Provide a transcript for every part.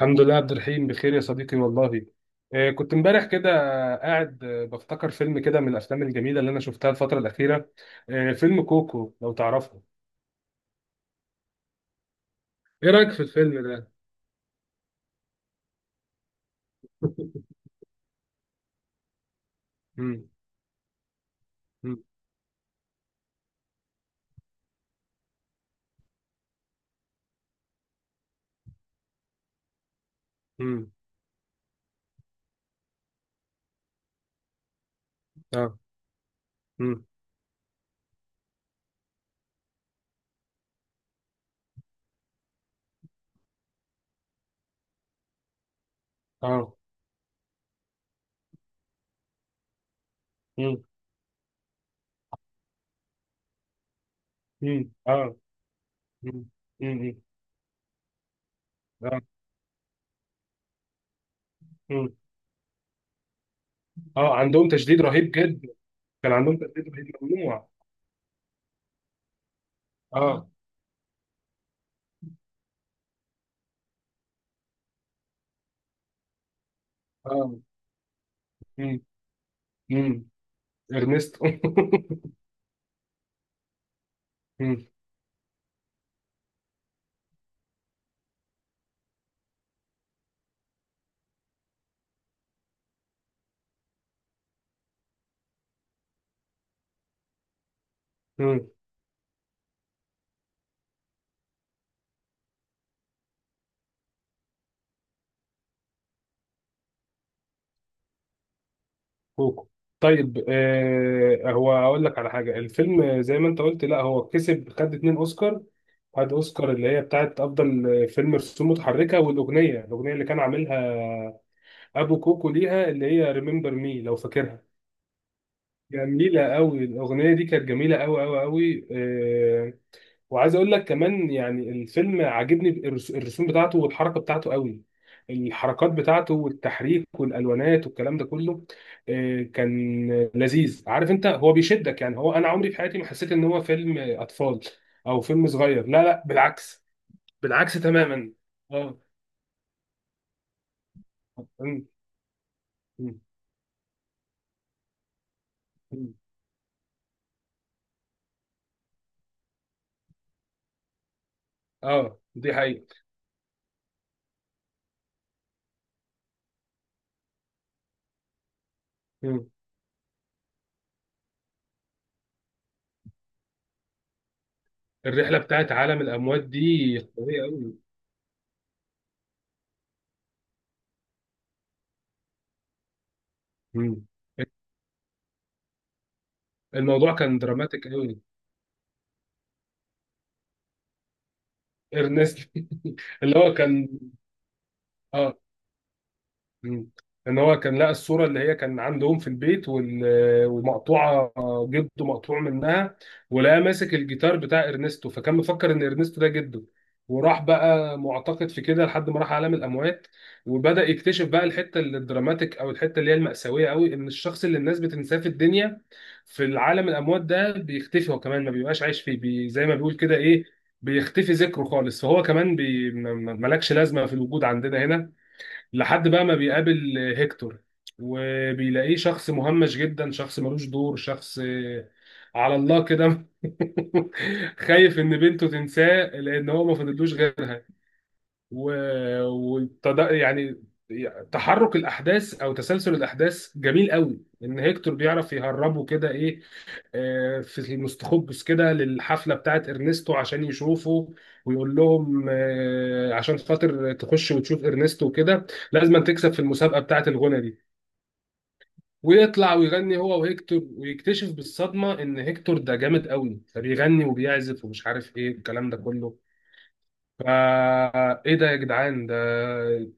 الحمد لله. عبد الرحيم بخير يا صديقي والله. كنت امبارح كده قاعد، بفتكر فيلم كده من الافلام الجميله اللي انا شفتها الفتره الاخيره. فيلم كوكو، لو تعرفه. ايه رايك في الفيلم ده؟ مم، مم، اه، مم، اه، مم، مم، اه، مم، مم، مم. اه، عندهم تشديد رهيب جدا. كان عندهم تشديد ممنوع. اه. اه. مم، مم. ارنست. مم، مم. كوكو. طيب، هو هقول لك على حاجه. الفيلم زي ما انت قلت، لا، هو كسب، خد اتنين اوسكار. خد اوسكار اللي هي بتاعت افضل فيلم رسوم متحركه، والاغنيه الاغنيه اللي كان عاملها ابو كوكو ليها، اللي هي ريمبر مي، لو فاكرها. جميله قوي، الاغنيه دي كانت جميله قوي قوي قوي. وعايز اقول لك كمان، يعني الفيلم عاجبني الرسوم بتاعته والحركه بتاعته قوي. الحركات بتاعته والتحريك والالوانات والكلام ده كله، كان لذيذ. عارف انت هو بيشدك؟ يعني هو انا عمري في حياتي ما حسيت ان هو فيلم اطفال او فيلم صغير، لا، لا، بالعكس. بالعكس تماما. اه. أمم. أمم. اه، دي حقيقه. أمم. الرحله بتاعت عالم الاموات دي قويه قوي. الموضوع كان دراماتيك قوي. ارنست. اللي هو كان. اه. مم. ان هو كان لقى الصوره اللي هي كان عندهم في البيت، ومقطوعه، جده مقطوع منها. ولقى ماسك الجيتار بتاع ارنستو، فكان مفكر ان ارنستو ده جده. وراح بقى معتقد في كده لحد ما راح عالم الاموات، وبدأ يكتشف بقى الحته اللي الدراماتيك، او الحته اللي هي المأساويه قوي، ان الشخص اللي الناس بتنساه في الدنيا، في العالم الاموات ده بيختفي هو كمان. ما بيبقاش عايش فيه، بي زي ما بيقول كده ايه، بيختفي ذكره خالص. فهو كمان ملكش لازمه في الوجود عندنا هنا، لحد بقى ما بيقابل هيكتور. وبيلاقيه شخص مهمش جدا، شخص ملوش دور، شخص على الله كده. خايف ان بنته تنساه لان هو ما فضلوش غيرها. و... يعني تحرك الاحداث او تسلسل الاحداث جميل قوي، ان هيكتور بيعرف يهربه كده ايه، في المستخبس كده للحفلة بتاعت إرنستو عشان يشوفه. ويقول لهم عشان خاطر تخش وتشوف إرنستو وكده لازم تكسب في المسابقة بتاعت الغنى دي. ويطلع ويغني هو وهيكتور، ويكتشف بالصدمة إن هيكتور ده جامد قوي، فبيغني وبيعزف ومش عارف إيه الكلام ده كله. فا ايه ده يا جدعان ده؟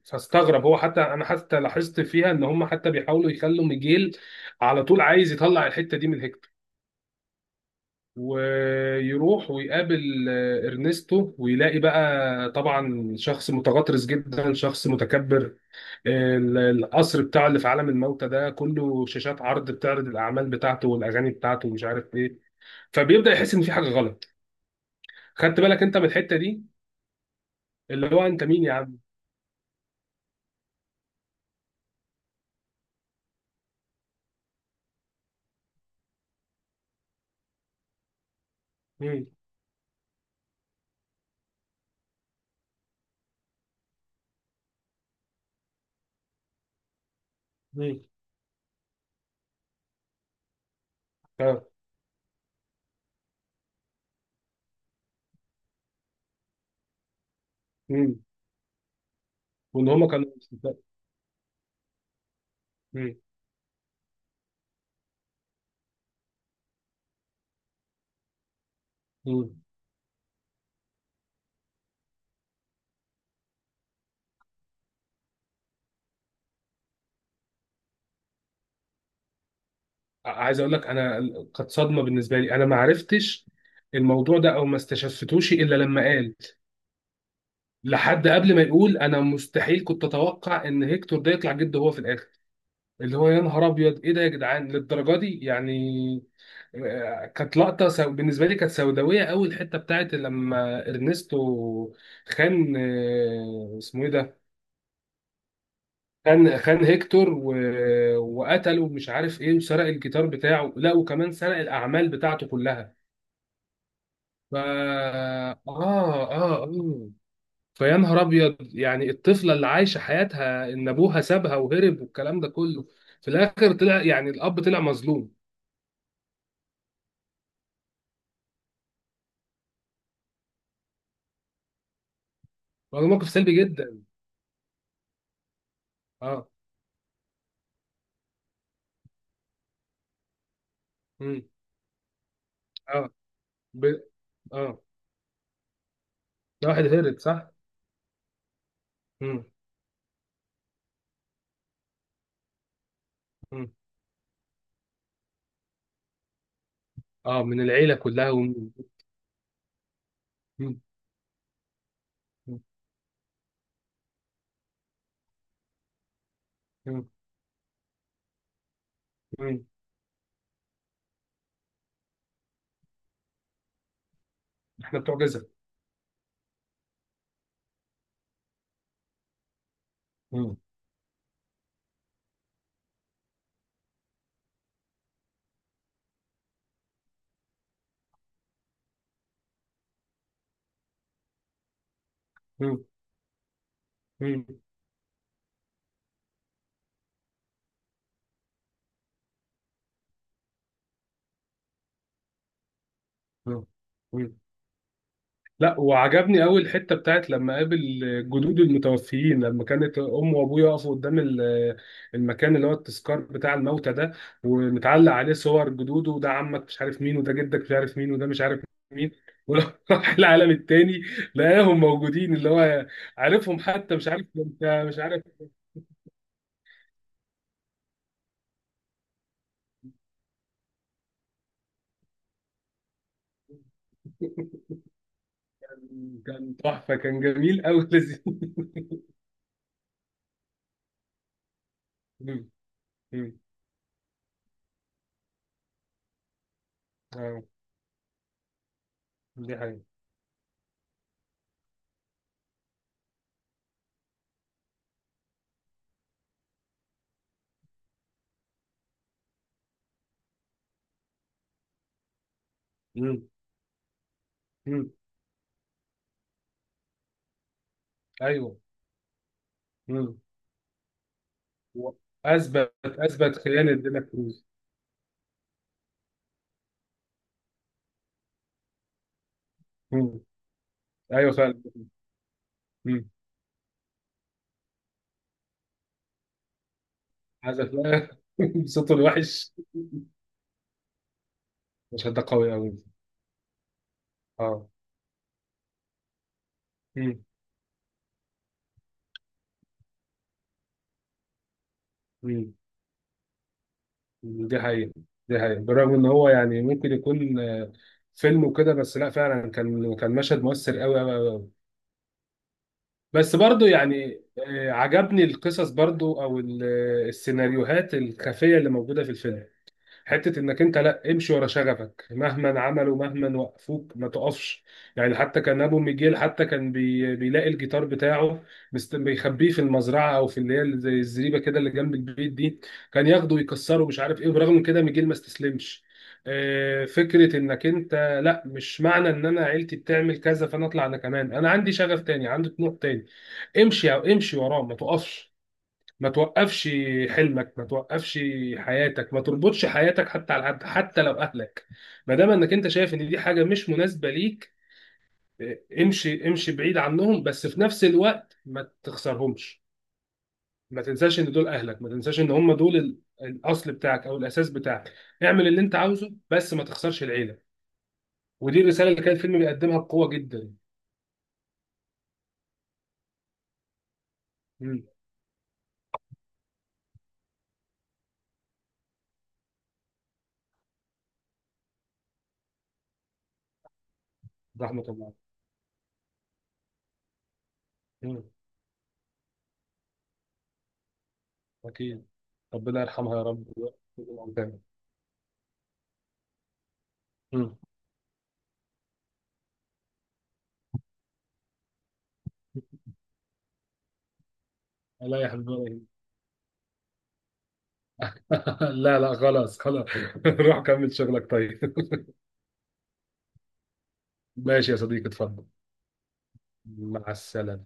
فاستغرب هو. حتى انا حتى لاحظت فيها ان هم حتى بيحاولوا يخلوا ميجيل على طول عايز يطلع الحتة دي من هيكتور. ويروح ويقابل ارنستو ويلاقي بقى طبعا شخص متغطرس جدا، شخص متكبر. القصر بتاعه اللي في عالم الموتى ده كله شاشات عرض بتعرض الاعمال بتاعته والاغاني بتاعته ومش عارف ايه. فبيبدأ يحس ان في حاجة غلط. خدت بالك انت من الحتة دي؟ اللي هو انت مين يا عم؟ مين؟ مين؟ اه، مين؟ وان هما كانوا؟ مين؟ مين؟ عايز اقول لك انا، كانت صدمة بالنسبة لي. انا ما عرفتش الموضوع ده، او ما استشفتوش الا لما قال. لحد قبل ما يقول انا مستحيل كنت اتوقع ان هيكتور ده يطلع جد هو في الاخر. اللي هو يا نهار ابيض ايه ده يا جدعان للدرجه دي يعني. كانت لقطه بالنسبه لي كانت سوداويه قوي، الحته بتاعت لما ارنستو خان، اسمه ايه ده، خان هيكتور وقتله ومش عارف ايه، وسرق الجيتار بتاعه، لا وكمان سرق الاعمال بتاعته كلها. ف فيا نهار ابيض يعني الطفله اللي عايشه حياتها ان ابوها سابها وهرب والكلام ده كله، في الاخر طلع يعني الاب طلع مظلوم. هو موقف سلبي جدا. اه. امم. اه. ب... اه، ده واحد هرب، صح. امم. اه، من العيله كلها مم. مم. مم. احنا بتوع جزر. مم. مم. مم. لا، وعجبني قوي الحته بتاعت لما قابل جدود المتوفيين، لما كانت امه وابوه يقفوا قدام المكان، اللي هو التذكار بتاع الموتى ده، ومتعلق عليه صور جدوده. وده عمك مش عارف مين، وده جدك مش عارف مين، وده مش عارف مين. ولو راح العالم التاني لقاهم موجودين، اللي هو عارفهم حتى مش عارف. مش عارف. كان تحفه، كان جميل قوي. لذيذ. مم. مم. آه، دي حقيقة. مم. مم. ايوه. مم. و- اثبت خيانه دينك. مم. ايوه فعلا. مم. عايز أفلام. صوته الوحش. مش ده قوي أوي؟ اه. مم. مم. دي حقيقة. دي حقيقة، بالرغم إن هو يعني ممكن يكون فيلم وكده، بس لا فعلا كان مشهد مؤثر أوي أوي أوي أوي. بس برضو يعني، عجبني القصص برضو، أو السيناريوهات الخفية اللي موجودة في الفيلم. حته انك انت، لا، امشي ورا شغفك مهما عملوا مهما وقفوك ما تقفش. يعني حتى كان ابو ميجيل حتى كان بيلاقي الجيتار بتاعه، بيخبيه في المزرعه، او في اللي هي زي الزريبه كده اللي جنب البيت دي، كان ياخده ويكسره مش عارف ايه، وبرغم من كده ميجيل ما استسلمش. فكره انك انت، لا مش معنى ان انا عيلتي بتعمل كذا فانا اطلع انا كمان. انا عندي شغف تاني، عندي طموح تاني. امشي او امشي وراه ما تقفش. ما توقفش. حلمك ما توقفش. حياتك ما تربطش حياتك حتى على حد حتى لو اهلك، ما دام انك انت شايف ان دي حاجه مش مناسبه ليك، اه، امشي، امشي بعيد عنهم، بس في نفس الوقت ما تخسرهمش. ما تنساش ان دول اهلك، ما تنساش ان هم دول الاصل بتاعك او الاساس بتاعك. اعمل اللي انت عاوزه، بس ما تخسرش العيله. ودي الرساله اللي كان الفيلم بيقدمها بقوه جدا. مم. رحمه الله. مم. اكيد. ربنا يرحمها يا رب. مم. الله يا حبيبي. لا، لا، خلاص، خلاص. روح كمل شغلك، طيب. ماشي يا صديقي، اتفضل. مع السلامة.